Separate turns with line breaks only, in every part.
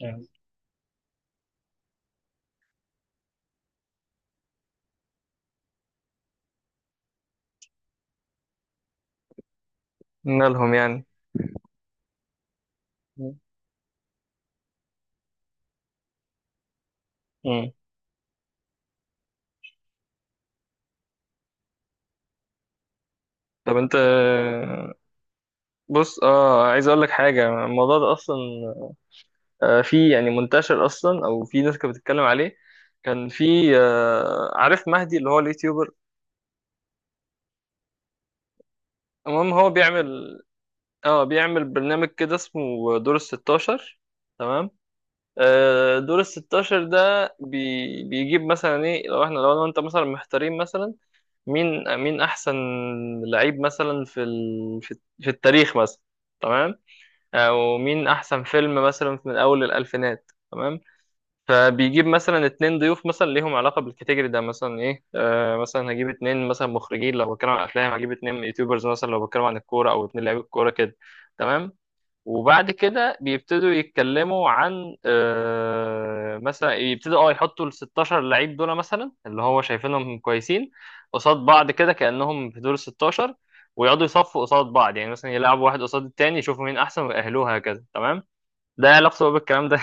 يعني. مالهم يعني. مم. مم. طب انت بص عايز اقول لك حاجه. الموضوع ده اصلا في يعني منتشر اصلا او في ناس كانت بتتكلم عليه. كان في عارف مهدي اللي هو اليوتيوبر. المهم هو بيعمل برنامج كده اسمه دور الستاشر. تمام. دور الستاشر ده بيجيب مثلا ايه لو احنا لو انا وانت مثلا محتارين مثلا مين احسن لعيب مثلا في ال... في في التاريخ مثلا. تمام. او مين احسن فيلم مثلا من اول الالفينات. تمام. فبيجيب مثلا اتنين ضيوف مثلا ليهم علاقه بالكاتيجوري ده، مثلا ايه مثلا هجيب اتنين مثلا مخرجين لو بتكلم عن افلام، هجيب اتنين يوتيوبرز مثلا لو بتكلم عن الكوره، او اتنين لعيبه الكوره كده. تمام. وبعد كده بيبتدوا يتكلموا عن مثلا يبتدوا يحطوا ال 16 لعيب دول مثلا اللي هو شايفينهم كويسين قصاد بعض كده كأنهم في دور 16، ويقعدوا يصفوا قصاد بعض يعني مثلا يلعبوا واحد قصاد التاني يشوفوا مين احسن ويأهلوه هكذا. تمام. ده إيه علاقته بقى بالكلام ده.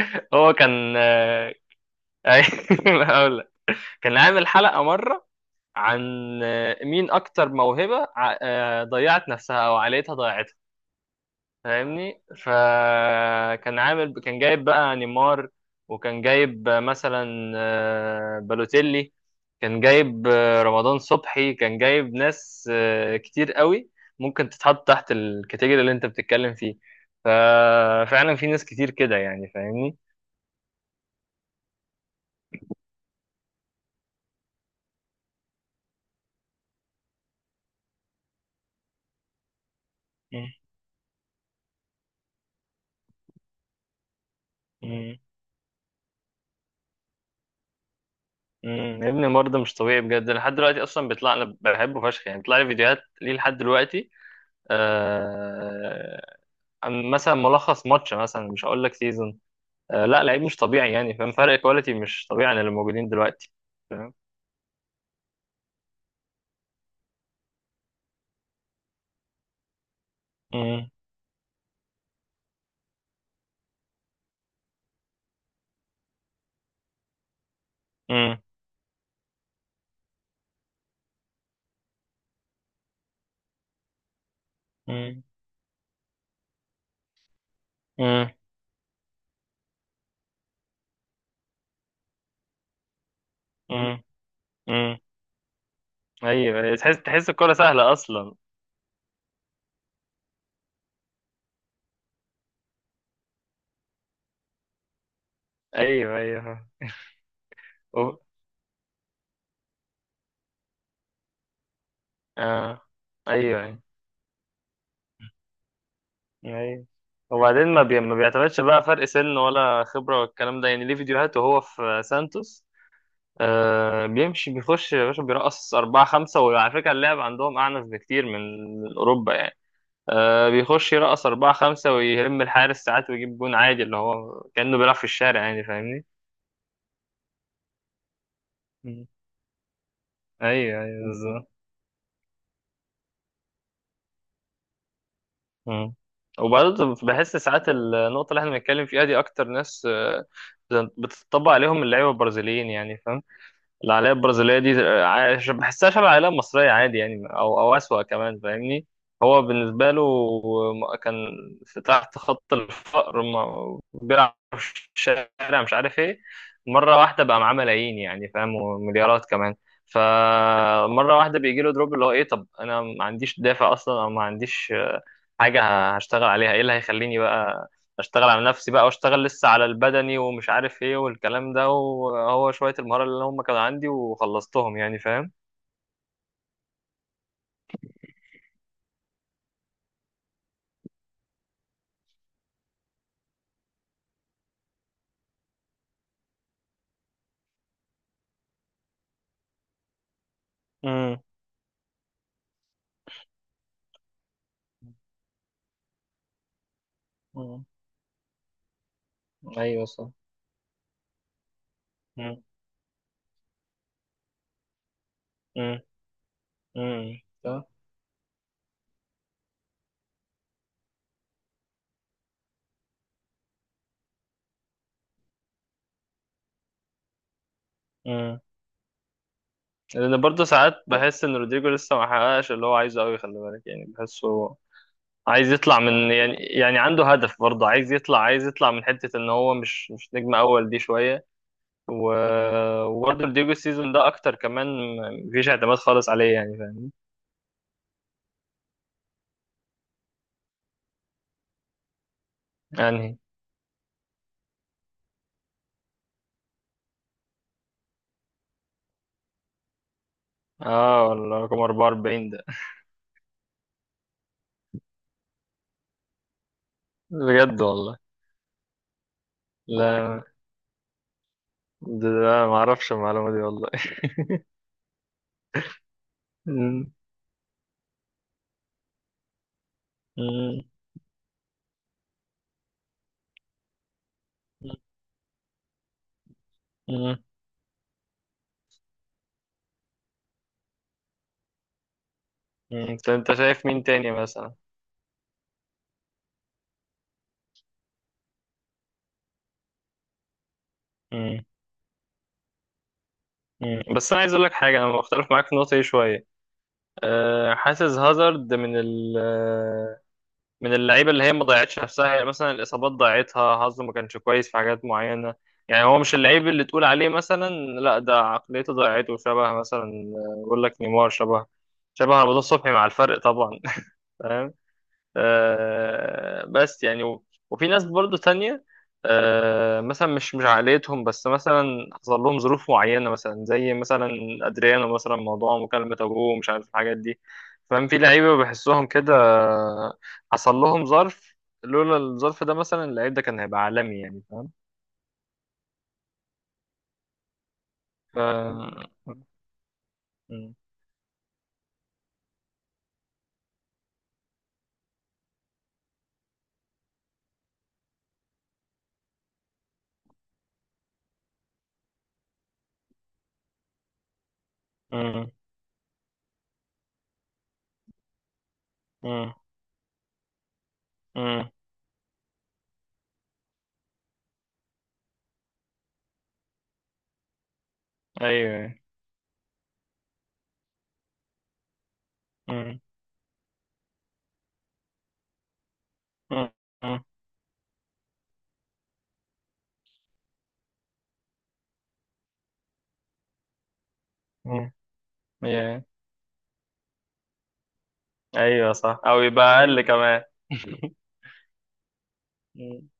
هو كان أي- هقول لك. كان عامل حلقة مرة عن مين اكتر موهبة ضيعت نفسها او عائلتها ضيعتها، فاهمني. فكان كان جايب بقى نيمار، وكان جايب مثلا بالوتيلي، كان جايب رمضان صبحي، كان جايب ناس كتير قوي ممكن تتحط تحت الكاتيجوري اللي انت بتتكلم فيه. ففعلا في ناس كتير كده يعني فاهمني. مم. مم. مم. يا ابني برضه مش طبيعي بجد لحد دلوقتي، اصلا بيطلع، انا بحبه فشخ يعني، بيطلع لي فيديوهات ليه لحد دلوقتي آه، عن مثلا ملخص ماتش مثلا مش هقول لك سيزون، لا لعيب مش طبيعي يعني فاهم. فرق كواليتي مش طبيعي عن اللي موجودين دلوقتي فاهم. مم، مم، مم، مم، مم، مم. ايوه أيوة. تحس الكوره سهله اصلا. ايوه ايوه. و... آه. ايوه ايوه. ايوه. وبعدين ما بيعتمدش بقى فرق سن ولا خبره والكلام ده يعني، ليه فيديوهات وهو في سانتوس، بيمشي بيخش يا باشا، بيرقص أربعة خمسة. وعلى فكرة اللعب عندهم أعنف بكتير من أوروبا يعني. بيخش يرقص أربعة خمسة ويهم الحارس ساعات ويجيب جون عادي اللي هو كأنه بيلعب في الشارع يعني فاهمني. مم. أيوه أيوه بالظبط. مم. وبرضه بحس ساعات النقطة اللي احنا بنتكلم فيها دي أكتر ناس بتطبق عليهم اللعيبة البرازيليين يعني. العائلات البرازيلية دي بحسها شبه العائلة المصرية عادي يعني، أو أسوأ كمان فاهمني. هو بالنسبة له كان في تحت خط الفقر، بيلعب في الشارع مش عارف إيه، مرة واحدة بقى معاه ملايين يعني فاهم ومليارات كمان. فمرة واحدة بيجي له دروب اللي هو إيه، طب أنا ما عنديش دافع أصلا أو ما عنديش حاجة هشتغل عليها، إيه اللي هيخليني بقى اشتغل على نفسي بقى واشتغل لسه على البدني ومش عارف ايه والكلام ده وهو شوية المهارة اللي هم كانوا عندي وخلصتهم يعني فاهم. امم. امم. ايوه صح. مم. مم. مم. صح. مم. لان برضه ساعات بحس ان رودريجو لسه ما حققش اللي هو عايزه قوي، خلي بالك يعني بحسه عايز يطلع من يعني عنده هدف. برضه عايز يطلع من حتة ان هو مش نجم اول دي شوية. وبرضه رودريجو السيزون ده اكتر كمان مفيش اعتماد خالص عليه يعني فاهم. يعني اه والله رقم 44 ده. بجد والله. لا ده ما اعرفش المعلومة دي والله. مم. مم. مم. مم. طب انت شايف مين تاني مثلا. مم. مم. بس انا عايز اقول لك حاجة، انا مختلف معاك في النقطة دي شوية. أه حاسس هازارد من ال آه، من اللعيبه اللي هي ما ضيعتش نفسها، يعني مثلا الاصابات ضيعتها، حظه ما كانش كويس في حاجات معينه. يعني هو مش اللعيب اللي تقول عليه مثلا، لا ده عقليته ضيعته، شبه مثلا، بقول لك نيمار، شبه رمضان صبحي مع الفرق طبعا. بس يعني وفي ناس برضو تانية مثلا مش عائلتهم بس مثلا حصل لهم ظروف معينة، مثلا زي مثلا أدريانو مثلا موضوع مكالمة أبوه ومش عارف الحاجات دي فاهم. في لعيبة بحسهم كده حصل لهم ظرف، لولا الظرف ده مثلا اللعيب ده كان هيبقى عالمي يعني فاهم. ف مم. مم. مم. مم. أيوه. مم. مم. مم. مم. Yeah. أيوه. أيوه صح، أو يبقى أقل كمان.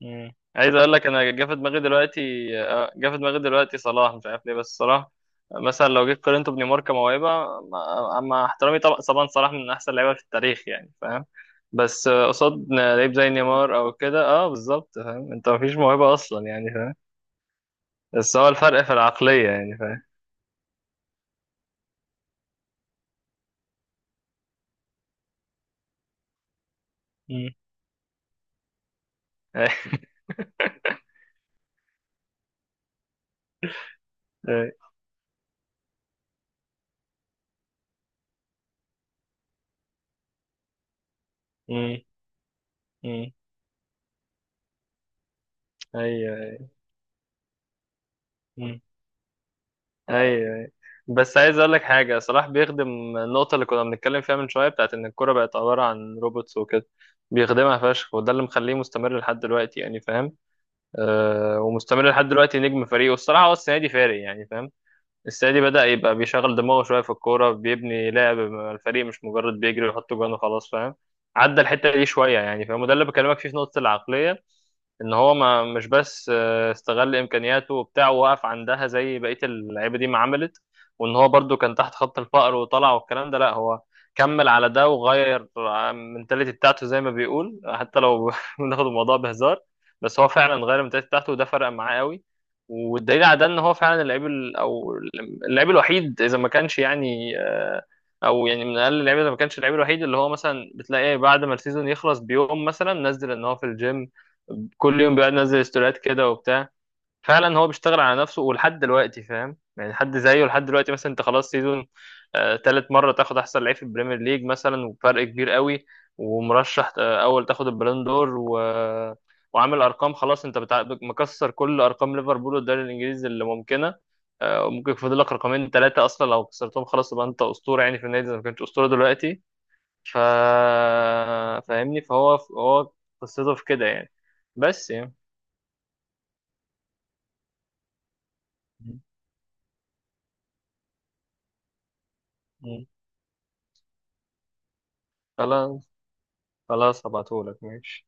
مم. عايز اقول لك انا جه في دماغي دلوقتي صلاح. مش عارف ليه بس صلاح مثلا لو جيت قارنته بنيمار كموهبه، مع احترامي طبعا طبعا، صلاح من احسن اللعيبه في التاريخ يعني فاهم. بس قصاد لعيب زي نيمار او كده، بالظبط، فاهم انت مفيش موهبه اصلا يعني فاهم. بس هو الفرق في العقليه يعني فاهم. مم. أي- أي. مم. مم. ايوه أيوة. مم. ايوه أيوة. بس عايز اقول لك حاجه، صلاح بيخدم النقطه اللي كنا بنتكلم فيها من شويه، بتاعت ان الكوره بقت عباره عن روبوتس وكده. بيخدمها فشخ وده اللي مخليه مستمر لحد دلوقتي يعني فاهم. ومستمر لحد دلوقتي نجم فريقه الصراحه، هو السنه دي فارق يعني فاهم. السعيدي بدأ يبقى بيشغل دماغه شوية في الكورة، بيبني لعب مع الفريق، مش مجرد بيجري ويحط جوان وخلاص فاهم. عدى الحتة دي شوية يعني فاهم. وده اللي بكلمك فيه في نقطة العقلية، ان هو ما مش بس استغل امكانياته وبتاع ووقف عندها زي بقيه اللعيبه دي ما عملت، وان هو برضو كان تحت خط الفقر وطلع والكلام ده لا، هو كمل على ده وغير المنتاليتي بتاعته، زي ما بيقول حتى لو بناخد الموضوع بهزار، بس هو فعلا غير المنتاليتي بتاعته وده فرق معاه قوي. والدليل على ده ان هو فعلا اللعيب ال- او اللعيب الوحيد اذا ما كانش يعني او يعني من اقل اللعيبه اذا ما كانش اللعيب الوحيد اللي هو مثلا بتلاقيه بعد ما السيزون يخلص بيوم مثلا نزل ان هو في الجيم. كل يوم بيقعد ينزل ستوريات كده وبتاع. فعلا هو بيشتغل على نفسه ولحد دلوقتي فاهم. يعني حد زيه لحد دلوقتي، مثلا انت خلاص سيزون تالت مرة تاخد احسن لعيب في البريمير ليج مثلا وفرق كبير قوي، ومرشح اول تاخد البالون دور، وعامل ارقام خلاص، انت مكسر كل ارقام ليفربول والدوري الانجليزي اللي ممكنة. وممكن يفضل لك رقمين ثلاثة اصلا، لو كسرتهم خلاص يبقى انت اسطورة يعني في النادي اذا ما كنتش اسطورة دلوقتي. ف فاهمني. فهو قصته في كده يعني. بس يعني. مم. خلاص خلاص هبعتهولك، ماشي.